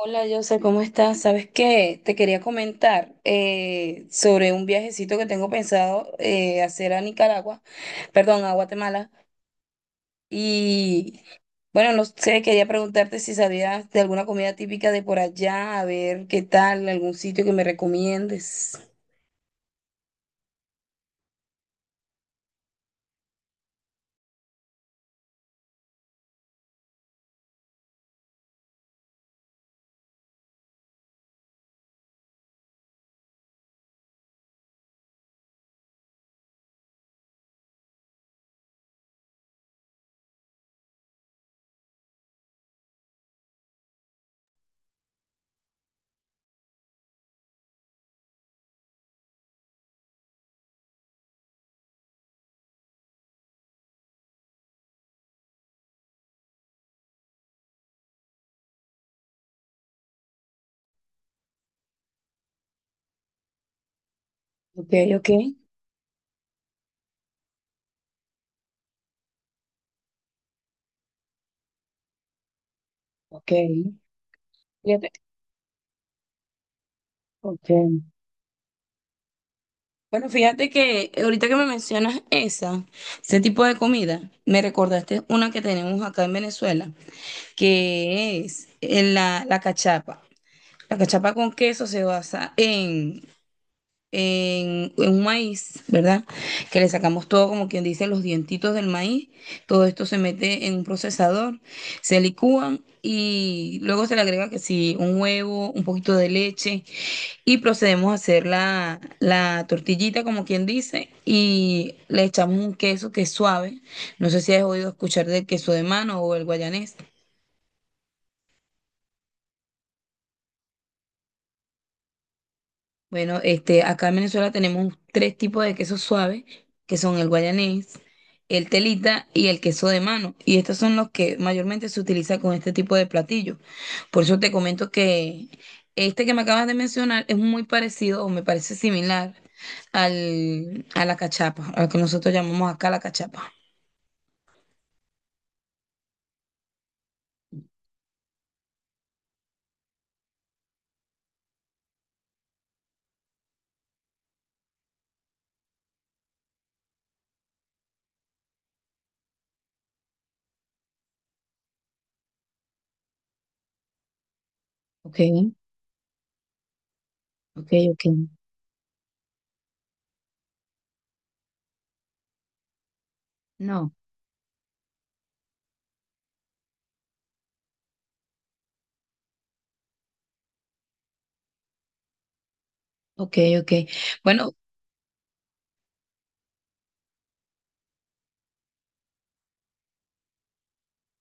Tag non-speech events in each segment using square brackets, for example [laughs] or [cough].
Hola, Jose, ¿cómo estás? ¿Sabes qué? Te quería comentar sobre un viajecito que tengo pensado hacer a Nicaragua, perdón, a Guatemala. Y bueno, no sé, quería preguntarte si sabías de alguna comida típica de por allá, a ver qué tal, algún sitio que me recomiendes. Ok, ok, ok. Fíjate, ok. Bueno, fíjate que ahorita que me mencionas ese tipo de comida, me recordaste una que tenemos acá en Venezuela, que es en la cachapa. La cachapa con queso se basa en un maíz, ¿verdad? Que le sacamos todo, como quien dice, los dientitos del maíz. Todo esto se mete en un procesador, se licúan y luego se le agrega que sí, un huevo, un poquito de leche y procedemos a hacer la tortillita, como quien dice, y le echamos un queso que es suave. No sé si has oído escuchar del queso de mano o el guayanés. Bueno, este, acá en Venezuela tenemos tres tipos de quesos suaves, que son el guayanés, el telita y el queso de mano. Y estos son los que mayormente se utiliza con este tipo de platillo. Por eso te comento que este que me acabas de mencionar es muy parecido o me parece similar a la cachapa, a lo que nosotros llamamos acá la cachapa. Ok, ok, ok. No, ok, ok. Bueno,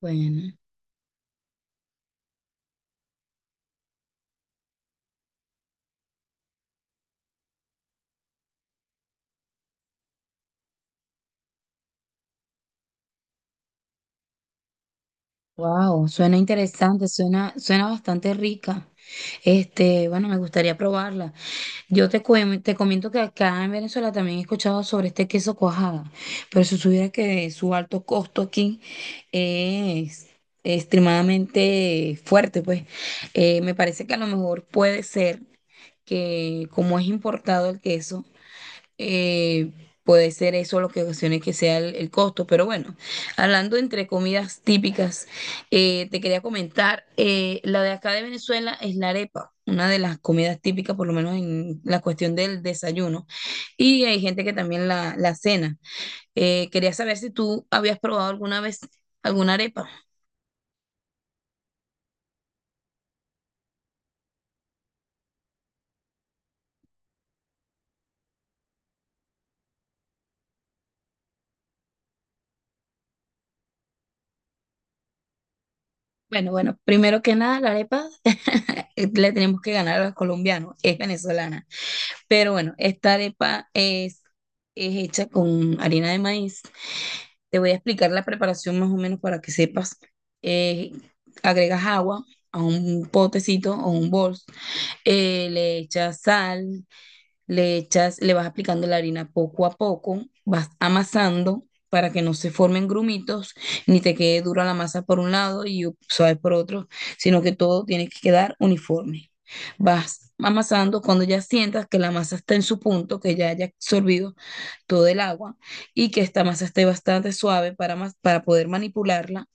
bueno. Wow, suena interesante, suena, suena bastante rica. Este, bueno, me gustaría probarla. Yo te comento que acá en Venezuela también he escuchado sobre este queso cuajada, pero si supiera que su alto costo aquí es extremadamente fuerte, pues me parece que a lo mejor puede ser que como es importado el queso, eh, puede ser eso lo que ocasione que sea el costo, pero bueno, hablando entre comidas típicas, te quería comentar, la de acá de Venezuela es la arepa, una de las comidas típicas, por lo menos en la cuestión del desayuno, y hay gente que también la cena. Quería saber si tú habías probado alguna vez alguna arepa. Bueno, bueno, primero que nada, la arepa le tenemos que ganar a los colombianos, es venezolana. Pero bueno, esta arepa es hecha con harina de maíz. Te voy a explicar la preparación más o menos para que sepas. Eh, agregas agua a un potecito o un bol, le echas sal, le echas, le vas aplicando la harina poco a poco, vas amasando para que no se formen grumitos, ni te quede dura la masa por un lado y suave por otro, sino que todo tiene que quedar uniforme. Vas amasando cuando ya sientas que la masa está en su punto, que ya haya absorbido todo el agua y que esta masa esté bastante suave para poder manipularla,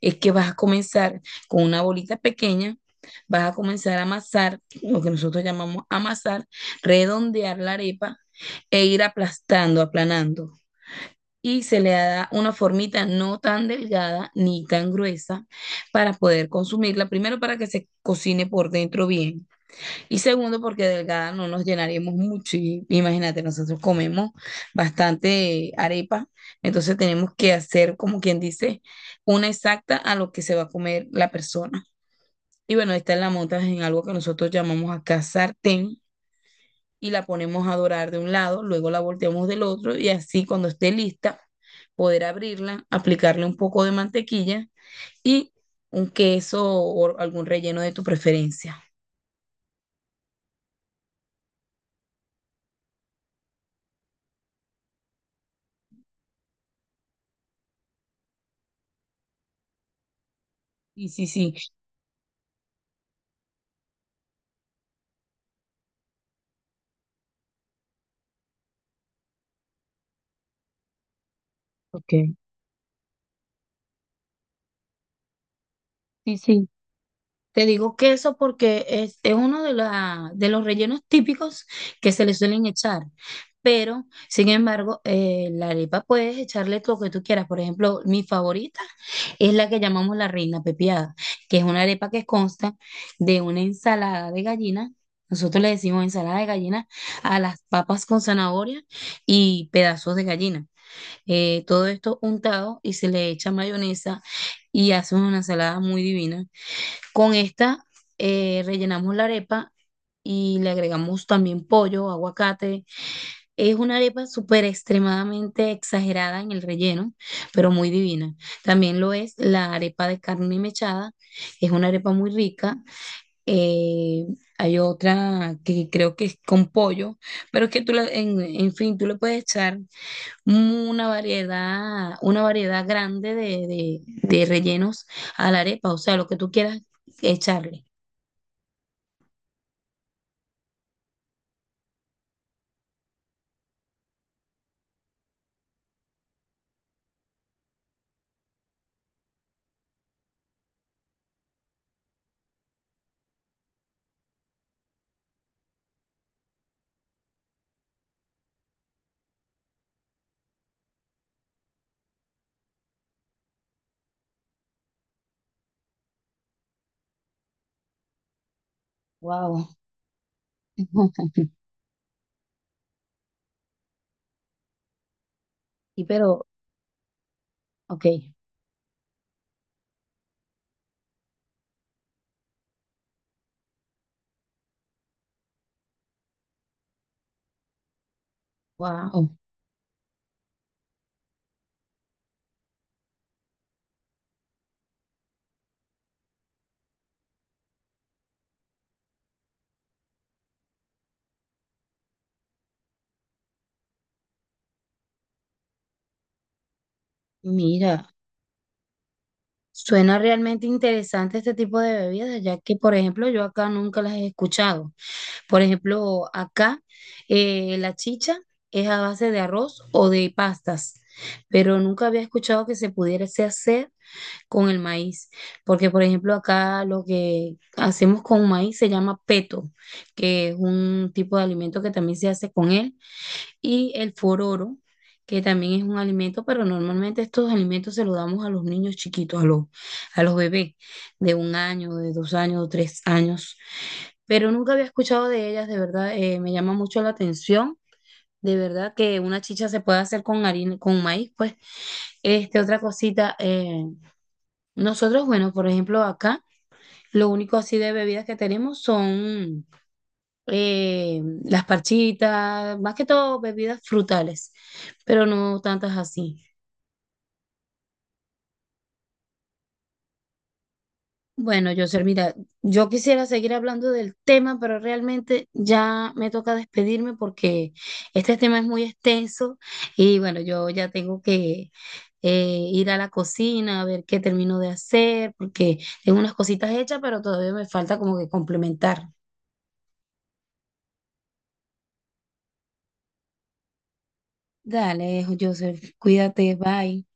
es que vas a comenzar con una bolita pequeña, vas a comenzar a amasar, lo que nosotros llamamos amasar, redondear la arepa e ir aplastando, aplanando. Y se le da una formita no tan delgada ni tan gruesa para poder consumirla, primero para que se cocine por dentro bien y segundo, porque delgada no nos llenaríamos mucho. Y imagínate, nosotros comemos bastante arepa, entonces tenemos que hacer, como quien dice, una exacta a lo que se va a comer la persona. Y bueno, esta la montas en algo que nosotros llamamos acá sartén y la ponemos a dorar de un lado, luego la volteamos del otro y así cuando esté lista, poder abrirla, aplicarle un poco de mantequilla y un queso o algún relleno de tu preferencia. Sí, sí, sí. Ok. Sí, sí, te digo queso porque es uno de los rellenos típicos que se le suelen echar. Pero, sin embargo, la arepa puedes echarle lo que tú quieras. Por ejemplo, mi favorita es la que llamamos la reina pepiada, que es una arepa que consta de una ensalada de gallina. Nosotros le decimos ensalada de gallina a las papas con zanahoria y pedazos de gallina. Todo esto untado y se le echa mayonesa y hace una ensalada muy divina. Con esta rellenamos la arepa y le agregamos también pollo, aguacate. Es una arepa súper extremadamente exagerada en el relleno, pero muy divina. También lo es la arepa de carne mechada. Es una arepa muy rica. Eh, hay otra que creo que es con pollo, pero es que tú, en fin, tú le puedes echar una variedad grande de rellenos a la arepa, o sea, lo que tú quieras echarle. Wow. [laughs] Y pero, ok, wow. Mira, suena realmente interesante este tipo de bebidas, ya que, por ejemplo, yo acá nunca las he escuchado. Por ejemplo, acá la chicha es a base de arroz o de pastas, pero nunca había escuchado que se pudiese hacer con el maíz, porque, por ejemplo, acá lo que hacemos con maíz se llama peto, que es un tipo de alimento que también se hace con él. Y el fororo, que también es un alimento, pero normalmente estos alimentos se los damos a los niños chiquitos, a los bebés de 1 año, de 2 años, de 3 años. Pero nunca había escuchado de ellas, de verdad, me llama mucho la atención. De verdad que una chicha se puede hacer con harina, con maíz, pues. Este, otra cosita, nosotros, bueno, por ejemplo, acá, lo único así de bebidas que tenemos son las parchitas, más que todo bebidas frutales, pero no tantas así. Bueno, José, mira, yo quisiera seguir hablando del tema, pero realmente ya me toca despedirme porque este tema es muy extenso y bueno, yo ya tengo que ir a la cocina a ver qué termino de hacer porque tengo unas cositas hechas, pero todavía me falta como que complementar. Dale, José, cuídate, bye.